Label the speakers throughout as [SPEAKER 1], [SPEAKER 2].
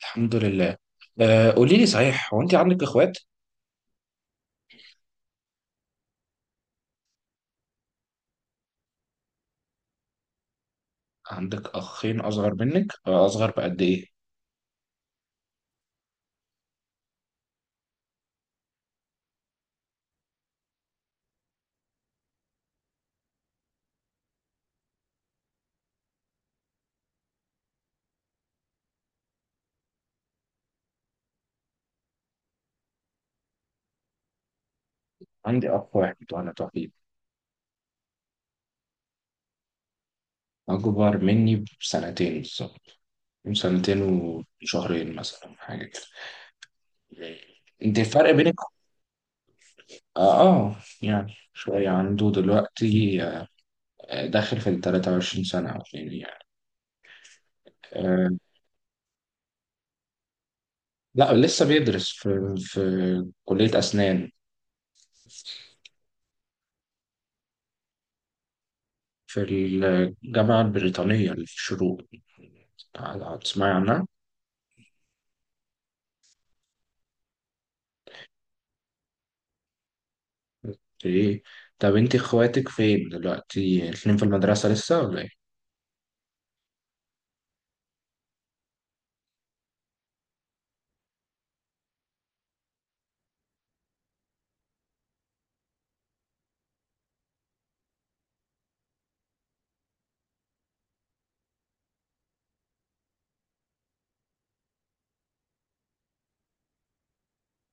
[SPEAKER 1] الحمد لله. آه قولي لي، صحيح هو انت عندك اخوات؟ عندك اخين اصغر منك، اصغر بقد ايه؟ عندي اخ واحد وانا توحيد. اكبر مني بسنتين بالظبط. سنتين وشهرين مثلا حاجه كده. انت الفرق بينك. اه, آه يعني شويه عنده دلوقتي، داخل في ال 23 سنه او اتنين يعني. آه لا، لسه بيدرس في كليه اسنان. في الجامعة البريطانية اللي في الشروق. تسمعي عنها؟ ايه. طب انت اخواتك فين دلوقتي؟ الاتنين في المدرسة لسه ولا ايه؟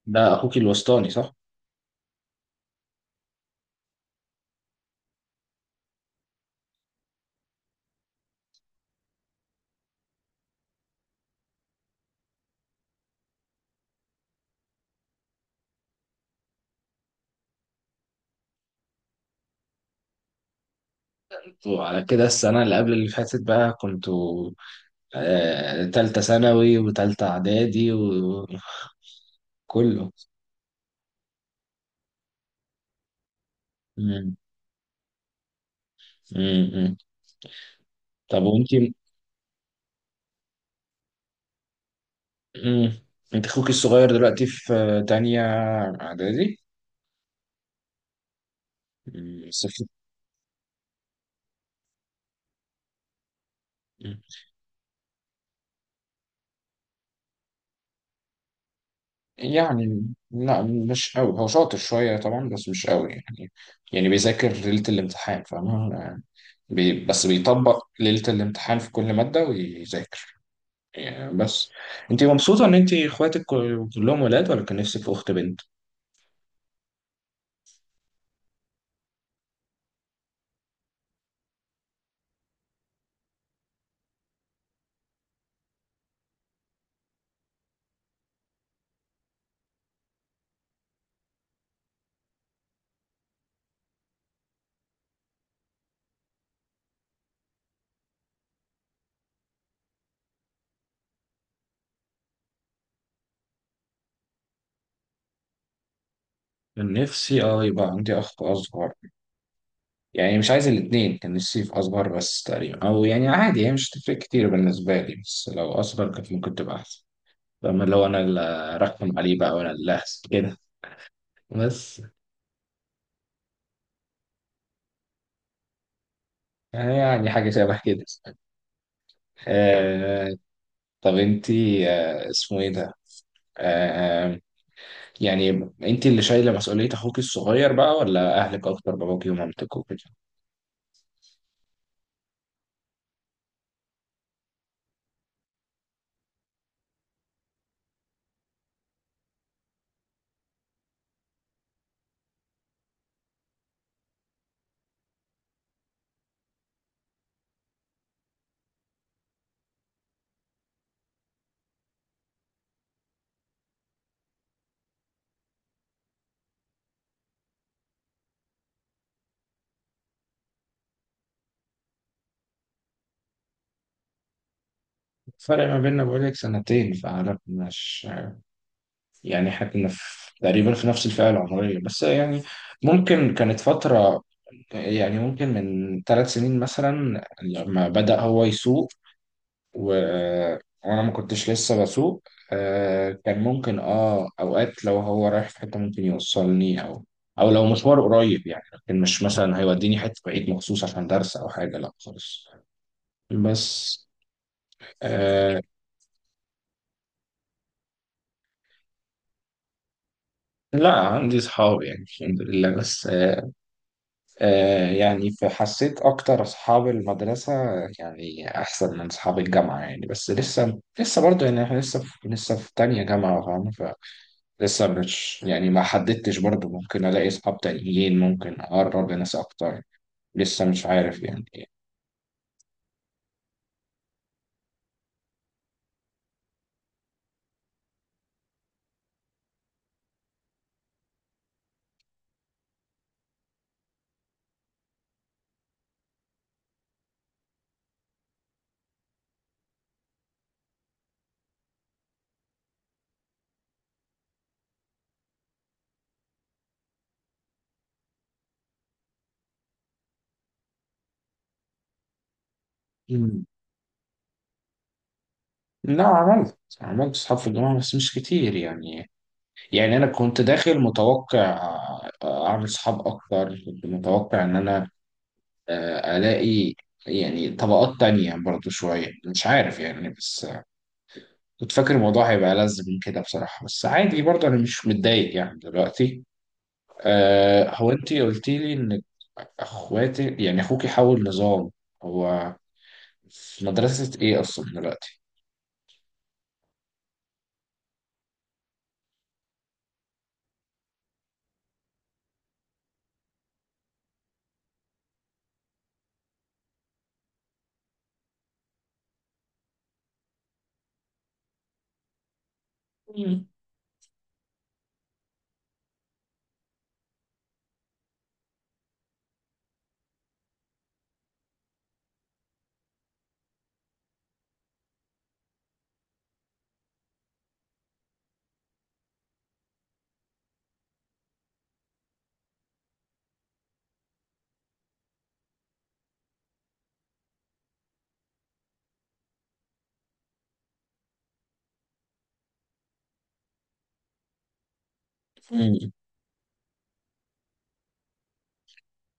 [SPEAKER 1] ده اخوك الوسطاني، صح؟ وعلى كده السنة اللي قبل اللي فاتت بقى كنتوا تالتة ثانوي وتالتة إعدادي وكله؟ مم. مم. مم. طب وانت. مم. انت اخوك الصغير دلوقتي في تانية إعدادي؟ مم. صفر. يعني لا، مش قوي. هو شاطر شوية طبعا بس مش قوي يعني. يعني بيذاكر ليلة الامتحان، فاهم يعني. بس بيطبق ليلة الامتحان في كل مادة ويذاكر يعني بس. انت مبسوطة ان انت اخواتك كلهم ولاد ولا كان نفسك في اخت بنت؟ كان نفسي يبقى عندي اخت اصغر. يعني مش عايز الاتنين، كان نفسي في اصغر بس تقريبا، او يعني عادي هي مش تفرق كتير بالنسبة لي بس لو اصغر كانت ممكن تبقى احسن. فاما لو انا اللي ارخم عليه بقى وانا اللي أحسن كده. بس يعني حاجة شبه كده. آه. طب انتي، اسمه ايه ده. آه يعني انتي اللي شايلة مسؤولية اخوك الصغير بقى ولا اهلك اكتر، باباكي ومامتك وكده؟ الفرق ما بيننا بقولك سنتين فعلا، مش يعني احنا كنا في تقريبا في نفس الفئة العمرية بس يعني، ممكن كانت فترة، يعني ممكن من 3 سنين مثلا لما بدأ هو يسوق و- وانا ما كنتش لسه بسوق. كان ممكن اوقات لو هو رايح في حته ممكن يوصلني، او لو مشوار قريب يعني، لكن مش مثلا هيوديني حته بعيد مخصوص عشان درس او حاجه، لا خالص. بس آه لا، عندي اصحاب يعني الحمد لله. بس يعني فحسيت اكتر اصحاب المدرسه يعني احسن من اصحاب الجامعه يعني. بس لسه برضه يعني احنا لسه في تانية جامعه فاهم. لسه مش يعني، ما حددتش برضو، ممكن الاقي اصحاب تانيين ممكن اقرب لناس اكتر. لسه مش عارف يعني. مم. لا، عملت اصحاب في الجامعة بس مش كتير يعني. يعني انا كنت داخل متوقع اعمل اصحاب اكتر، كنت متوقع ان انا الاقي يعني طبقات تانية برضو شوية، مش عارف يعني. بس كنت فاكر الموضوع هيبقى ألذ من كده بصراحة، بس عادي برضو أنا مش متضايق يعني دلوقتي. هو انت قلتي لي ان اخواتك يعني اخوكي حول نظام، هو في مدرسة ايه اصلا دلوقتي؟ مم. مم.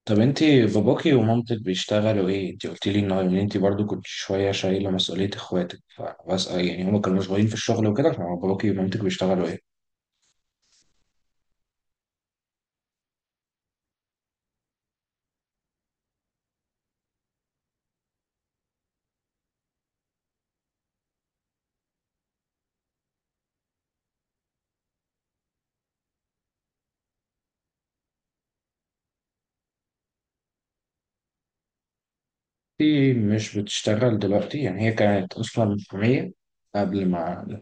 [SPEAKER 1] طب انت باباكي ومامتك بيشتغلوا ايه؟ انت قلتي لي ان ان انت برضو كنت شوية شايلة مسؤولية اخواتك، فبسأل يعني هما كانوا مشغولين في الشغل وكده، فباباكي ومامتك بيشتغلوا ايه؟ انت مش بتشتغل دلوقتي يعني، هي كانت اصلا محامية قبل ما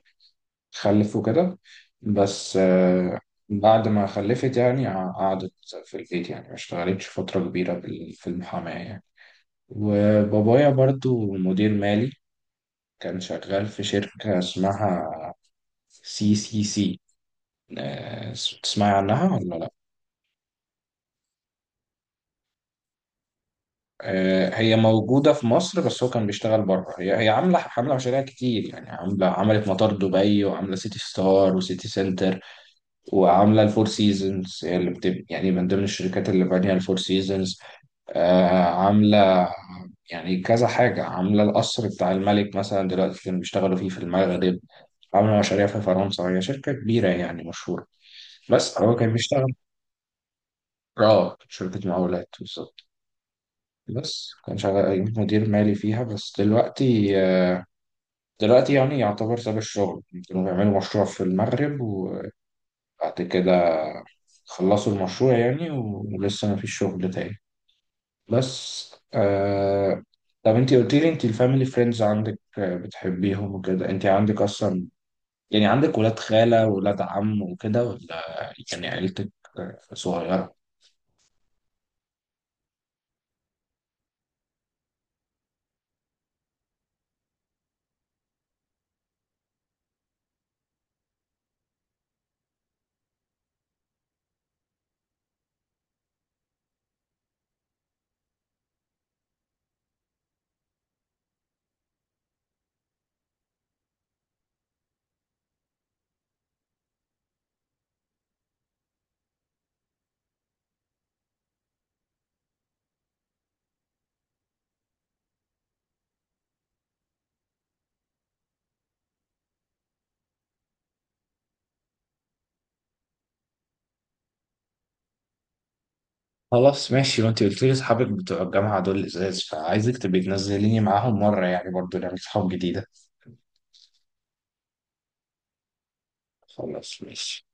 [SPEAKER 1] خلف وكده. بس بعد ما خلفت يعني قعدت في البيت يعني، ما اشتغلتش فترة كبيرة في المحاماة يعني. وبابايا برضو مدير مالي، كان شغال في شركة اسمها CCC. تسمعي عنها ولا لا؟ هي موجودة في مصر بس هو كان بيشتغل بره. هي عاملة مشاريع كتير يعني، عاملة عملت مطار دبي وعاملة سيتي ستار وسيتي سنتر وعامله الفور سيزونز. هي اللي يعني من ضمن الشركات اللي بانيه الفور سيزونز. عامله يعني كذا حاجه، عامله القصر بتاع الملك مثلا. دلوقتي كانوا بيشتغلوا فيه في المغرب، عامله مشاريع في فرنسا. هي شركه كبيره يعني مشهوره. بس هو كان بيشتغل. اه، شركه مقاولات بالظبط. بس كان شغال مدير مالي فيها. بس دلوقتي دلوقتي يعني يعتبر ساب الشغل. كانوا بيعملوا مشروع في المغرب وبعد كده خلصوا المشروع يعني، ولسه ما فيش شغل تاني. بس. طب انت قلت لي انت الفاميلي فريندز عندك، بتحبيهم وكده. انت عندك اصلا يعني عندك ولاد خالة ولاد عم وكده ولا يعني عيلتك صغيرة؟ خلاص ماشي. وانت قلت لي اصحابك بتوع الجامعة دول ازاز، فعايزك تبقي تنزليني معاهم مرة يعني برضو نعمل صحاب جديدة. خلاص ماشي.